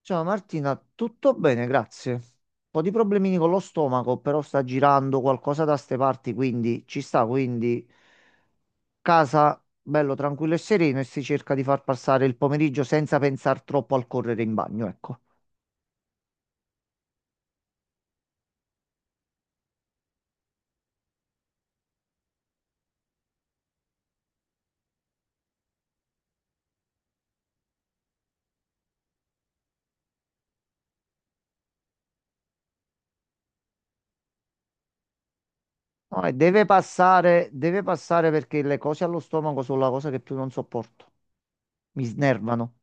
Ciao Martina, tutto bene, grazie. Un po' di problemini con lo stomaco, però sta girando qualcosa da ste parti, quindi ci sta, quindi casa bello tranquillo e sereno e si cerca di far passare il pomeriggio senza pensare troppo al correre in bagno, ecco. No, e deve passare perché le cose allo stomaco sono la cosa che più non sopporto. Mi snervano.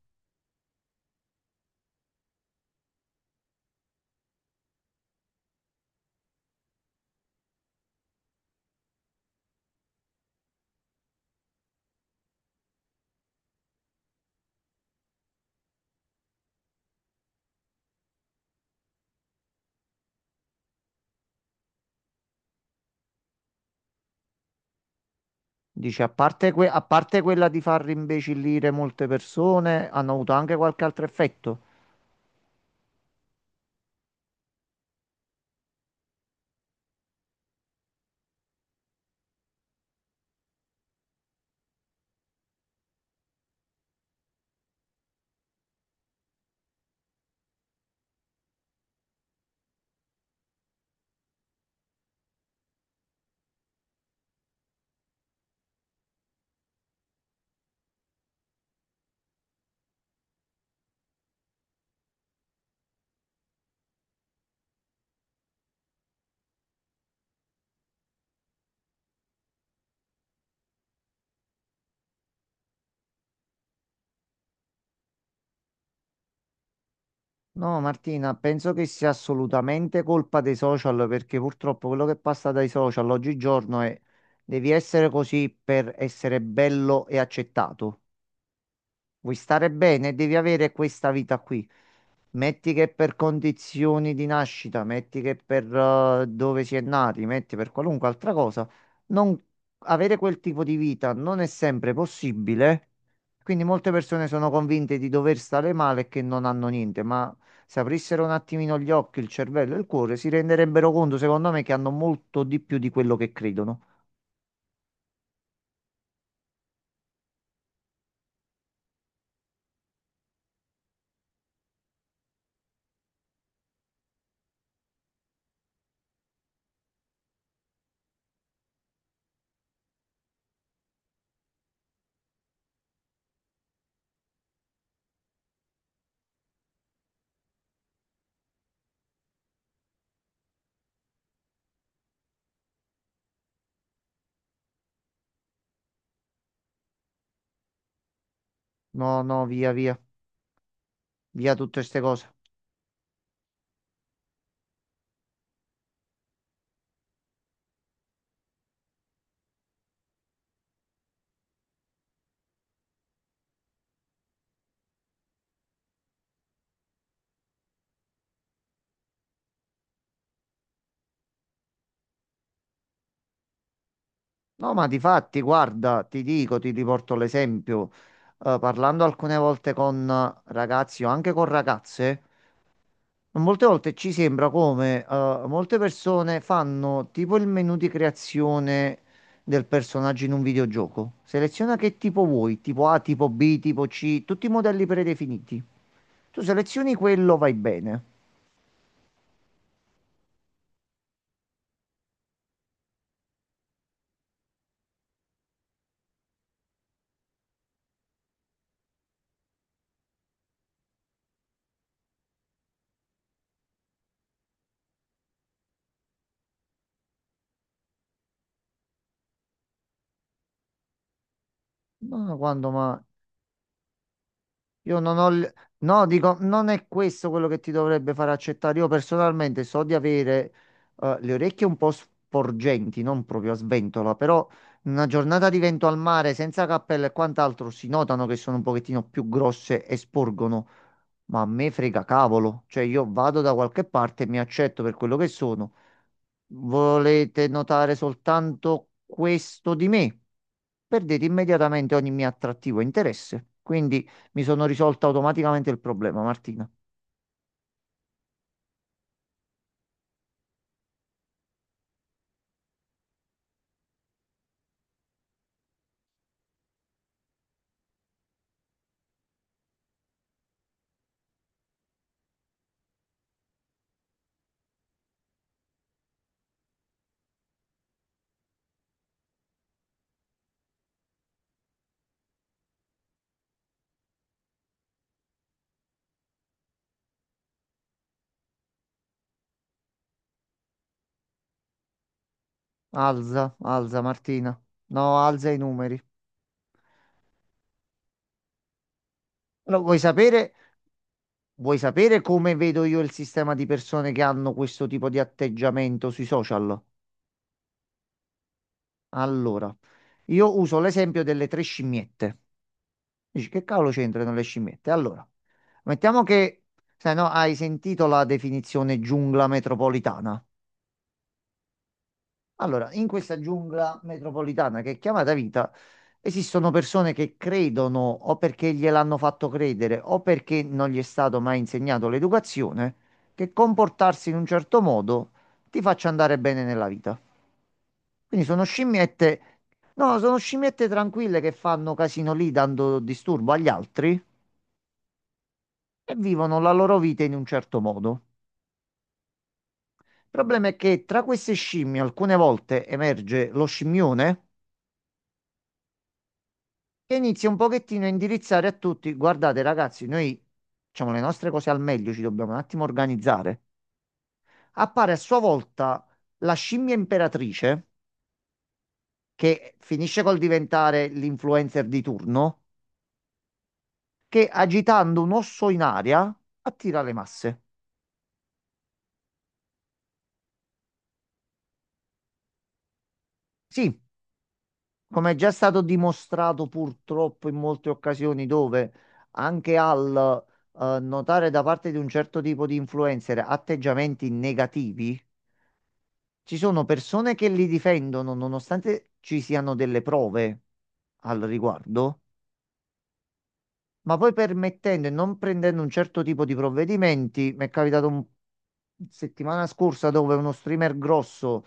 Dice, a parte, a parte quella di far rimbecillire molte persone, hanno avuto anche qualche altro effetto. No, Martina, penso che sia assolutamente colpa dei social perché purtroppo quello che passa dai social oggigiorno è devi essere così per essere bello e accettato. Vuoi stare bene, devi avere questa vita qui. Metti che per condizioni di nascita, metti che per dove si è nati, metti per qualunque altra cosa, non avere quel tipo di vita non è sempre possibile. Quindi molte persone sono convinte di dover stare male e che non hanno niente, ma se aprissero un attimino gli occhi, il cervello e il cuore, si renderebbero conto, secondo me, che hanno molto di più di quello che credono. No, no, via, via, via tutte queste cose. No, ma di fatti, guarda, ti dico, ti riporto l'esempio. Parlando alcune volte con ragazzi o anche con ragazze, molte volte ci sembra come molte persone fanno tipo il menu di creazione del personaggio in un videogioco. Seleziona che tipo vuoi, tipo A, tipo B, tipo C, tutti i modelli predefiniti. Tu selezioni quello, vai bene. Ma quando, ma Io non ho... No, dico, non è questo quello che ti dovrebbe far accettare. Io personalmente so di avere le orecchie un po' sporgenti, non proprio a sventola, però in una giornata di vento al mare, senza cappello e quant'altro, si notano che sono un pochettino più grosse e sporgono. Ma a me frega cavolo. Cioè, io vado da qualche parte e mi accetto per quello che sono. Volete notare soltanto questo di me? Perdete immediatamente ogni mio attrattivo e interesse. Quindi... Mi sono risolto automaticamente il problema, Martina. Alza, alza, Martina. No, alza i numeri. No, vuoi sapere come vedo io il sistema di persone che hanno questo tipo di atteggiamento sui social? Allora, io uso l'esempio delle tre scimmiette. Dici, che cavolo c'entrano le scimmiette? Allora, mettiamo che, se no, hai sentito la definizione giungla metropolitana. Allora, in questa giungla metropolitana che è chiamata vita, esistono persone che credono o perché gliel'hanno fatto credere o perché non gli è stato mai insegnato l'educazione, che comportarsi in un certo modo ti faccia andare bene nella vita. Quindi sono scimmiette, no, sono scimmiette tranquille che fanno casino lì dando disturbo agli altri e vivono la loro vita in un certo modo. Il problema è che tra queste scimmie alcune volte emerge lo scimmione che inizi un pochettino a indirizzare a tutti. Guardate, ragazzi, noi facciamo le nostre cose al meglio, ci dobbiamo un attimo organizzare. Appare a sua volta la scimmia imperatrice, che finisce col diventare l'influencer di turno, che agitando un osso in aria attira le masse. Sì, come è già stato dimostrato purtroppo in molte occasioni dove anche al notare da parte di un certo tipo di influencer atteggiamenti negativi. Ci sono persone che li difendono nonostante ci siano delle prove al riguardo, ma poi permettendo e non prendendo un certo tipo di provvedimenti, mi è capitato un settimana scorsa dove uno streamer grosso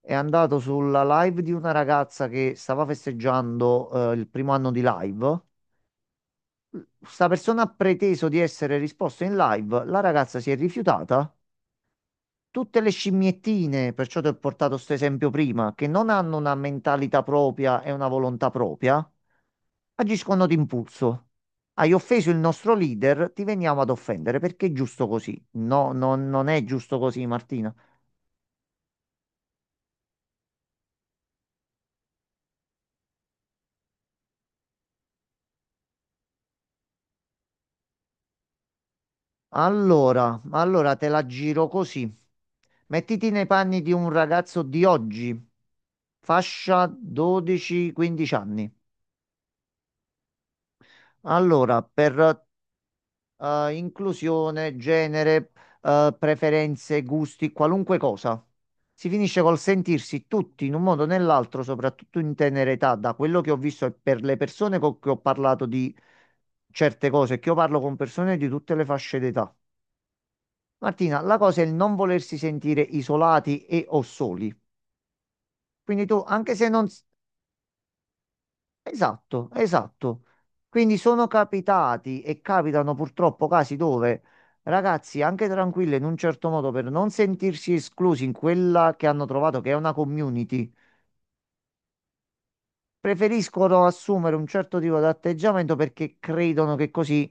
è andato sulla live di una ragazza che stava festeggiando il primo anno di live. Questa persona ha preteso di essere risposta in live, la ragazza si è rifiutata tutte le scimmiettine, perciò ti ho portato questo esempio prima, che non hanno una mentalità propria e una volontà propria, agiscono d'impulso. Hai offeso il nostro leader, ti veniamo ad offendere perché è giusto così. No, no, non è giusto così, Martina. Allora, allora te la giro così. Mettiti nei panni di un ragazzo di oggi, fascia 12-15 anni. Allora, per inclusione, genere, preferenze, gusti, qualunque cosa. Si finisce col sentirsi tutti in un modo o nell'altro, soprattutto in tenera età, da quello che ho visto e per le persone con cui ho parlato di certe cose, che io parlo con persone di tutte le fasce d'età. Martina, la cosa è il non volersi sentire isolati e o soli. Quindi tu, anche se non, esatto, esatto. Quindi sono capitati e capitano purtroppo casi dove ragazzi, anche tranquilli in un certo modo, per non sentirsi esclusi in quella che hanno trovato che è una community, preferiscono assumere un certo tipo di atteggiamento perché credono che così,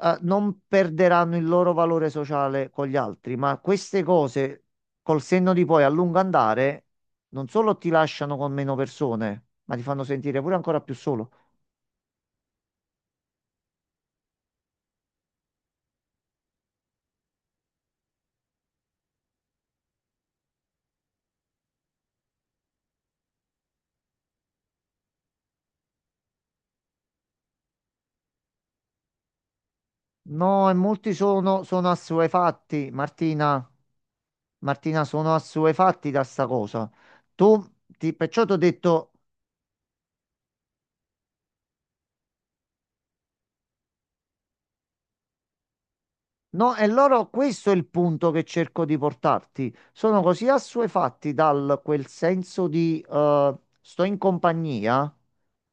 non perderanno il loro valore sociale con gli altri. Ma queste cose, col senno di poi a lungo andare, non solo ti lasciano con meno persone, ma ti fanno sentire pure ancora più solo. No, e molti sono assuefatti, Martina. Martina, sono assuefatti da sta cosa. Tu, perciò ti ho detto, no, e loro, questo è il punto che cerco di portarti. Sono così assuefatti dal quel senso di sto in compagnia,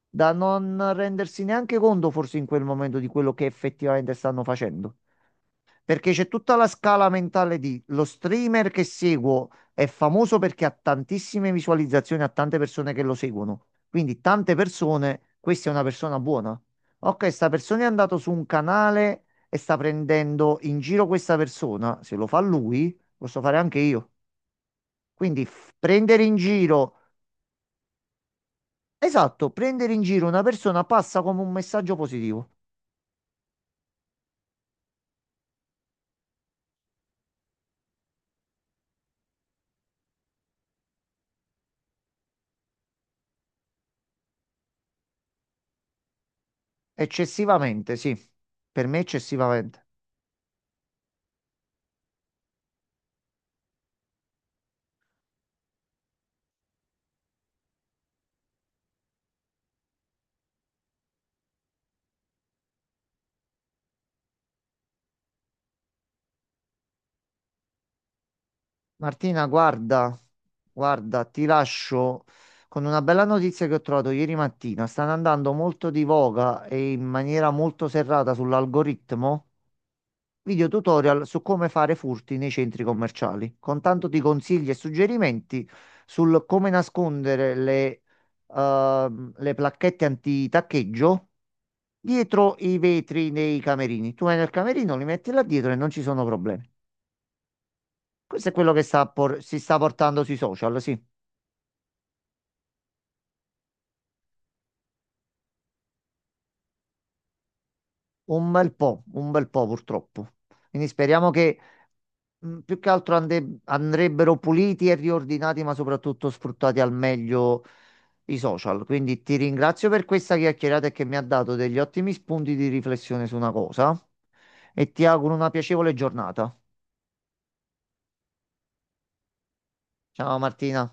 da non rendersi neanche conto, forse in quel momento, di quello che effettivamente stanno facendo. Perché c'è tutta la scala mentale di lo streamer che seguo è famoso perché ha tantissime visualizzazioni, ha tante persone che lo seguono. Quindi tante persone, questa è una persona buona. Ok, sta persona è andato su un canale e sta prendendo in giro questa persona. Se lo fa lui, posso fare anche io. Quindi prendere in giro, esatto, prendere in giro una persona passa come un messaggio positivo. Eccessivamente, sì. Per me eccessivamente. Martina, guarda, guarda, ti lascio con una bella notizia che ho trovato ieri mattina. Stanno andando molto di voga e in maniera molto serrata sull'algoritmo video tutorial su come fare furti nei centri commerciali, con tanto di consigli e suggerimenti sul come nascondere le placchette antitaccheggio dietro i vetri nei camerini. Tu vai nel camerino, li metti là dietro e non ci sono problemi. Questo è quello che si sta portando sui social, sì. Un bel po' purtroppo. Quindi speriamo che più che altro andrebbero puliti e riordinati, ma soprattutto sfruttati al meglio i social. Quindi ti ringrazio per questa chiacchierata e che mi ha dato degli ottimi spunti di riflessione su una cosa e ti auguro una piacevole giornata. Ciao Martina.